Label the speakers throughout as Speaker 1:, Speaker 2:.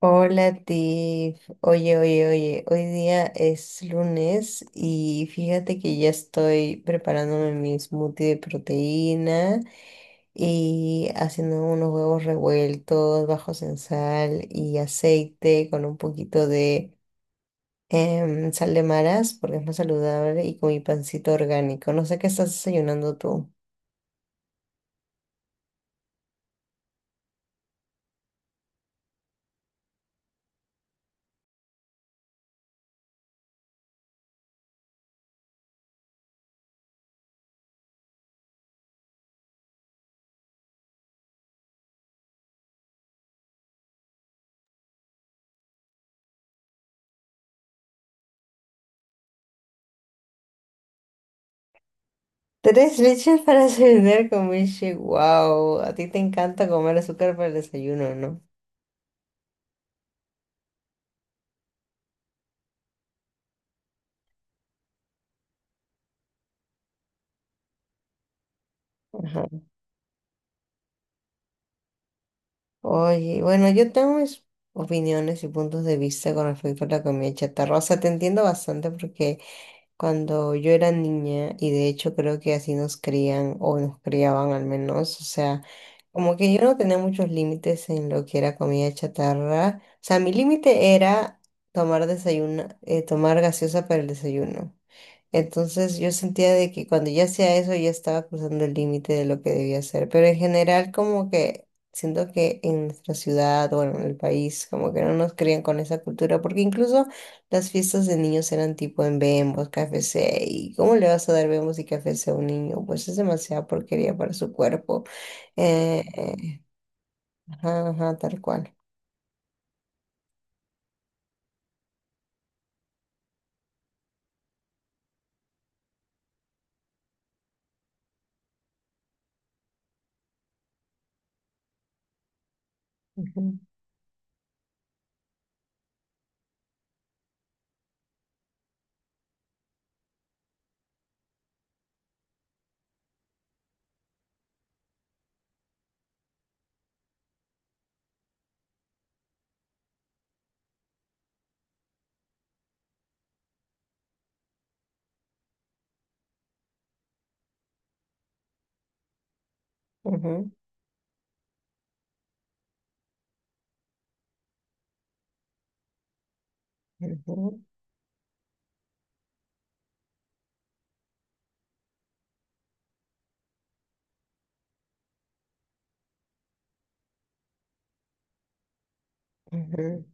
Speaker 1: Hola, Tiff. Oye, oye, oye, hoy día es lunes y fíjate que ya estoy preparándome mi smoothie de proteína y haciendo unos huevos revueltos bajos en sal y aceite con un poquito de sal de maras porque es más saludable y con mi pancito orgánico. No sé qué estás desayunando tú. Tres leches para desayunar con milkshake. Wow, a ti te encanta comer azúcar para el desayuno, ¿no? Oye, bueno, yo tengo mis opiniones y puntos de vista con respecto a la comida chatarra. O sea, te entiendo bastante porque cuando yo era niña, y de hecho creo que así nos crían o nos criaban al menos, o sea, como que yo no tenía muchos límites en lo que era comida chatarra. O sea, mi límite era tomar desayuno, tomar gaseosa para el desayuno. Entonces yo sentía de que cuando ya hacía eso ya estaba cruzando el límite de lo que debía hacer. Pero en general como que siento que en nuestra ciudad, bueno, en el país, como que no nos crían con esa cultura, porque incluso las fiestas de niños eran tipo en bembos, KFC, y ¿cómo le vas a dar bembos y KFC a un niño? Pues es demasiada porquería para su cuerpo. Eh, eh, ajá, ajá, tal cual. Ujú, ujú, ujú, ujú.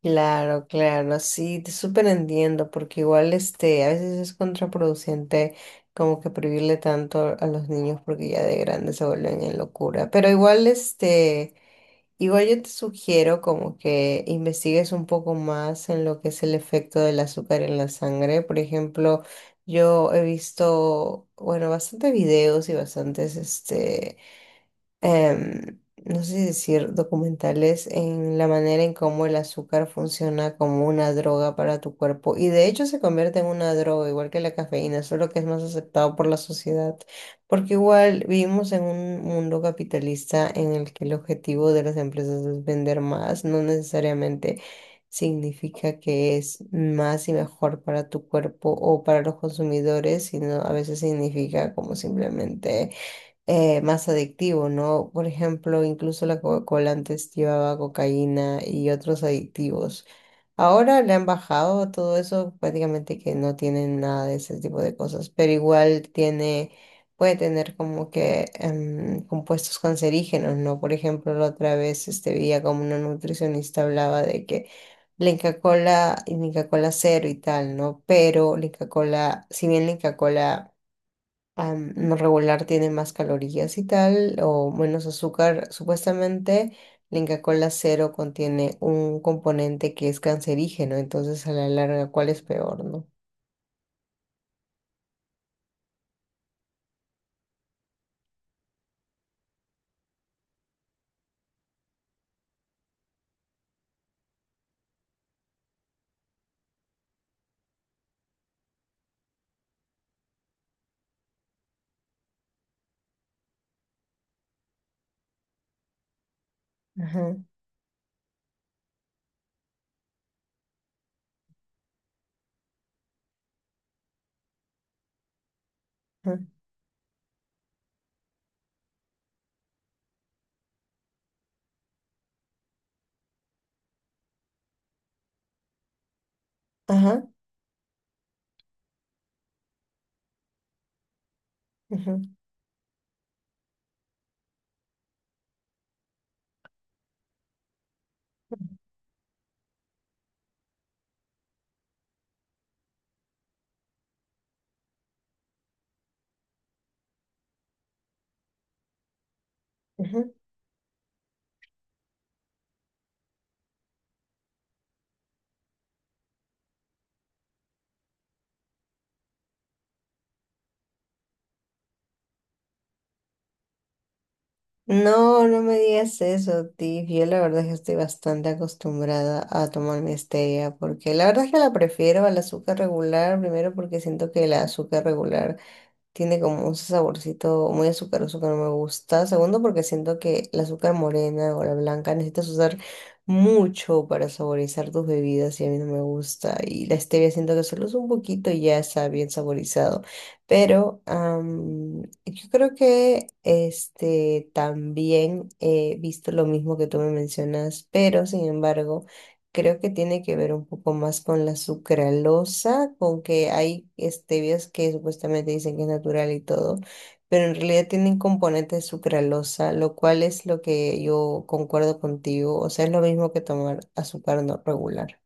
Speaker 1: Claro, claro, sí, te súper entiendo, porque igual este, a veces es contraproducente como que prohibirle tanto a los niños porque ya de grandes se vuelven en locura. Pero igual este, igual yo te sugiero como que investigues un poco más en lo que es el efecto del azúcar en la sangre. Por ejemplo, yo he visto, bueno, bastantes videos y bastantes este no sé si decir documentales en la manera en cómo el azúcar funciona como una droga para tu cuerpo y de hecho se convierte en una droga igual que la cafeína, solo que es más aceptado por la sociedad, porque igual vivimos en un mundo capitalista en el que el objetivo de las empresas es vender más, no necesariamente significa que es más y mejor para tu cuerpo o para los consumidores, sino a veces significa como simplemente más adictivo, ¿no? Por ejemplo, incluso la Coca-Cola antes llevaba cocaína y otros adictivos. Ahora le han bajado todo eso, prácticamente que no tienen nada de ese tipo de cosas, pero igual tiene, puede tener como que compuestos cancerígenos, ¿no? Por ejemplo, la otra vez este, veía como una nutricionista hablaba de que la Inca Kola y Inca Kola cero y tal, ¿no? Pero la Inca Kola, si bien la Inca Kola no regular tiene más calorías y tal, o menos azúcar. Supuestamente la Inca Kola cero contiene un componente que es cancerígeno, entonces a la larga, ¿cuál es peor, no? Ajá, ajá, ajá, ajá, ajá. No, no me digas eso, Tiff. Yo la verdad es que estoy bastante acostumbrada a tomar mi stevia, porque la verdad es que la prefiero al azúcar regular, primero porque siento que el azúcar regular tiene como un saborcito muy azucaroso que no me gusta. Segundo, porque siento que la azúcar morena o la blanca necesitas usar mucho para saborizar tus bebidas y a mí no me gusta. Y la stevia siento que solo es un poquito y ya está bien saborizado. Pero yo creo que este también he visto lo mismo que tú me mencionas, pero sin embargo, creo que tiene que ver un poco más con la sucralosa, con que hay stevias que supuestamente dicen que es natural y todo, pero en realidad tienen componentes de sucralosa, lo cual es lo que yo concuerdo contigo, o sea, es lo mismo que tomar azúcar no regular.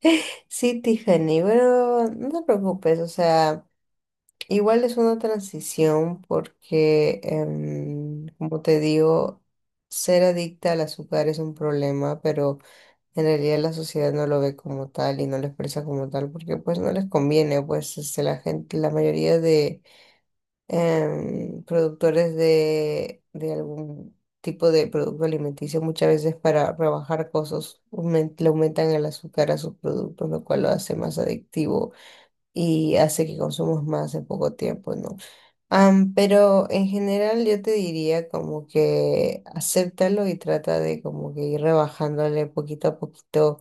Speaker 1: Sí, Tiffany, pero no te preocupes, o sea, igual es una transición porque, como te digo, ser adicta al azúcar es un problema, pero en realidad la sociedad no lo ve como tal y no lo expresa como tal porque pues no les conviene, pues este, la gente, la mayoría de productores de algún tipo de producto alimenticio muchas veces para rebajar costos le aumentan el azúcar a sus productos, lo cual lo hace más adictivo y hace que consumamos más en poco tiempo, ¿no? Pero en general yo te diría como que acéptalo y trata de como que ir rebajándole poquito a poquito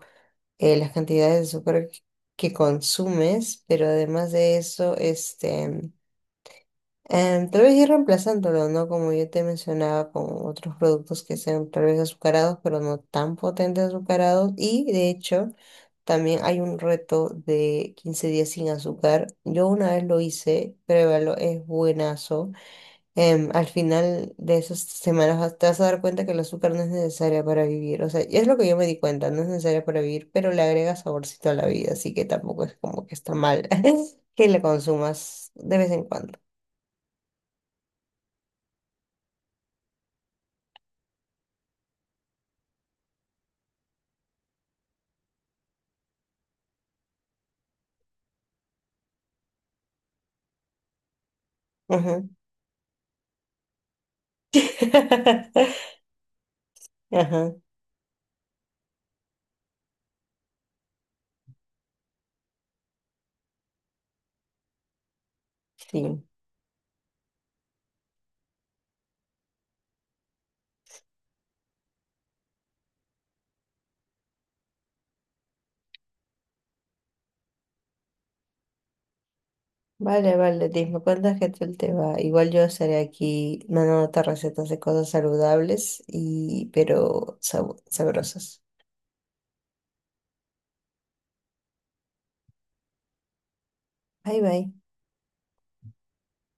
Speaker 1: las cantidades de azúcar que consumes, pero además de eso, este, tal vez ir reemplazándolo, ¿no? Como yo te mencionaba, con otros productos que sean tal vez azucarados, pero no tan potentes azucarados. Y de hecho, también hay un reto de 15 días sin azúcar. Yo una vez lo hice, pruébalo, es buenazo. Al final de esas semanas te vas a dar cuenta que el azúcar no es necesaria para vivir. O sea, y es lo que yo me di cuenta, no es necesaria para vivir, pero le agrega saborcito a la vida, así que tampoco es como que está mal que la consumas de vez en cuando. Ajá. Ajá, sí. Vale, vale, Liz, me cuentas qué tal te va. Igual yo estaré aquí mandándote recetas de cosas saludables y pero sabrosas. Bye bye.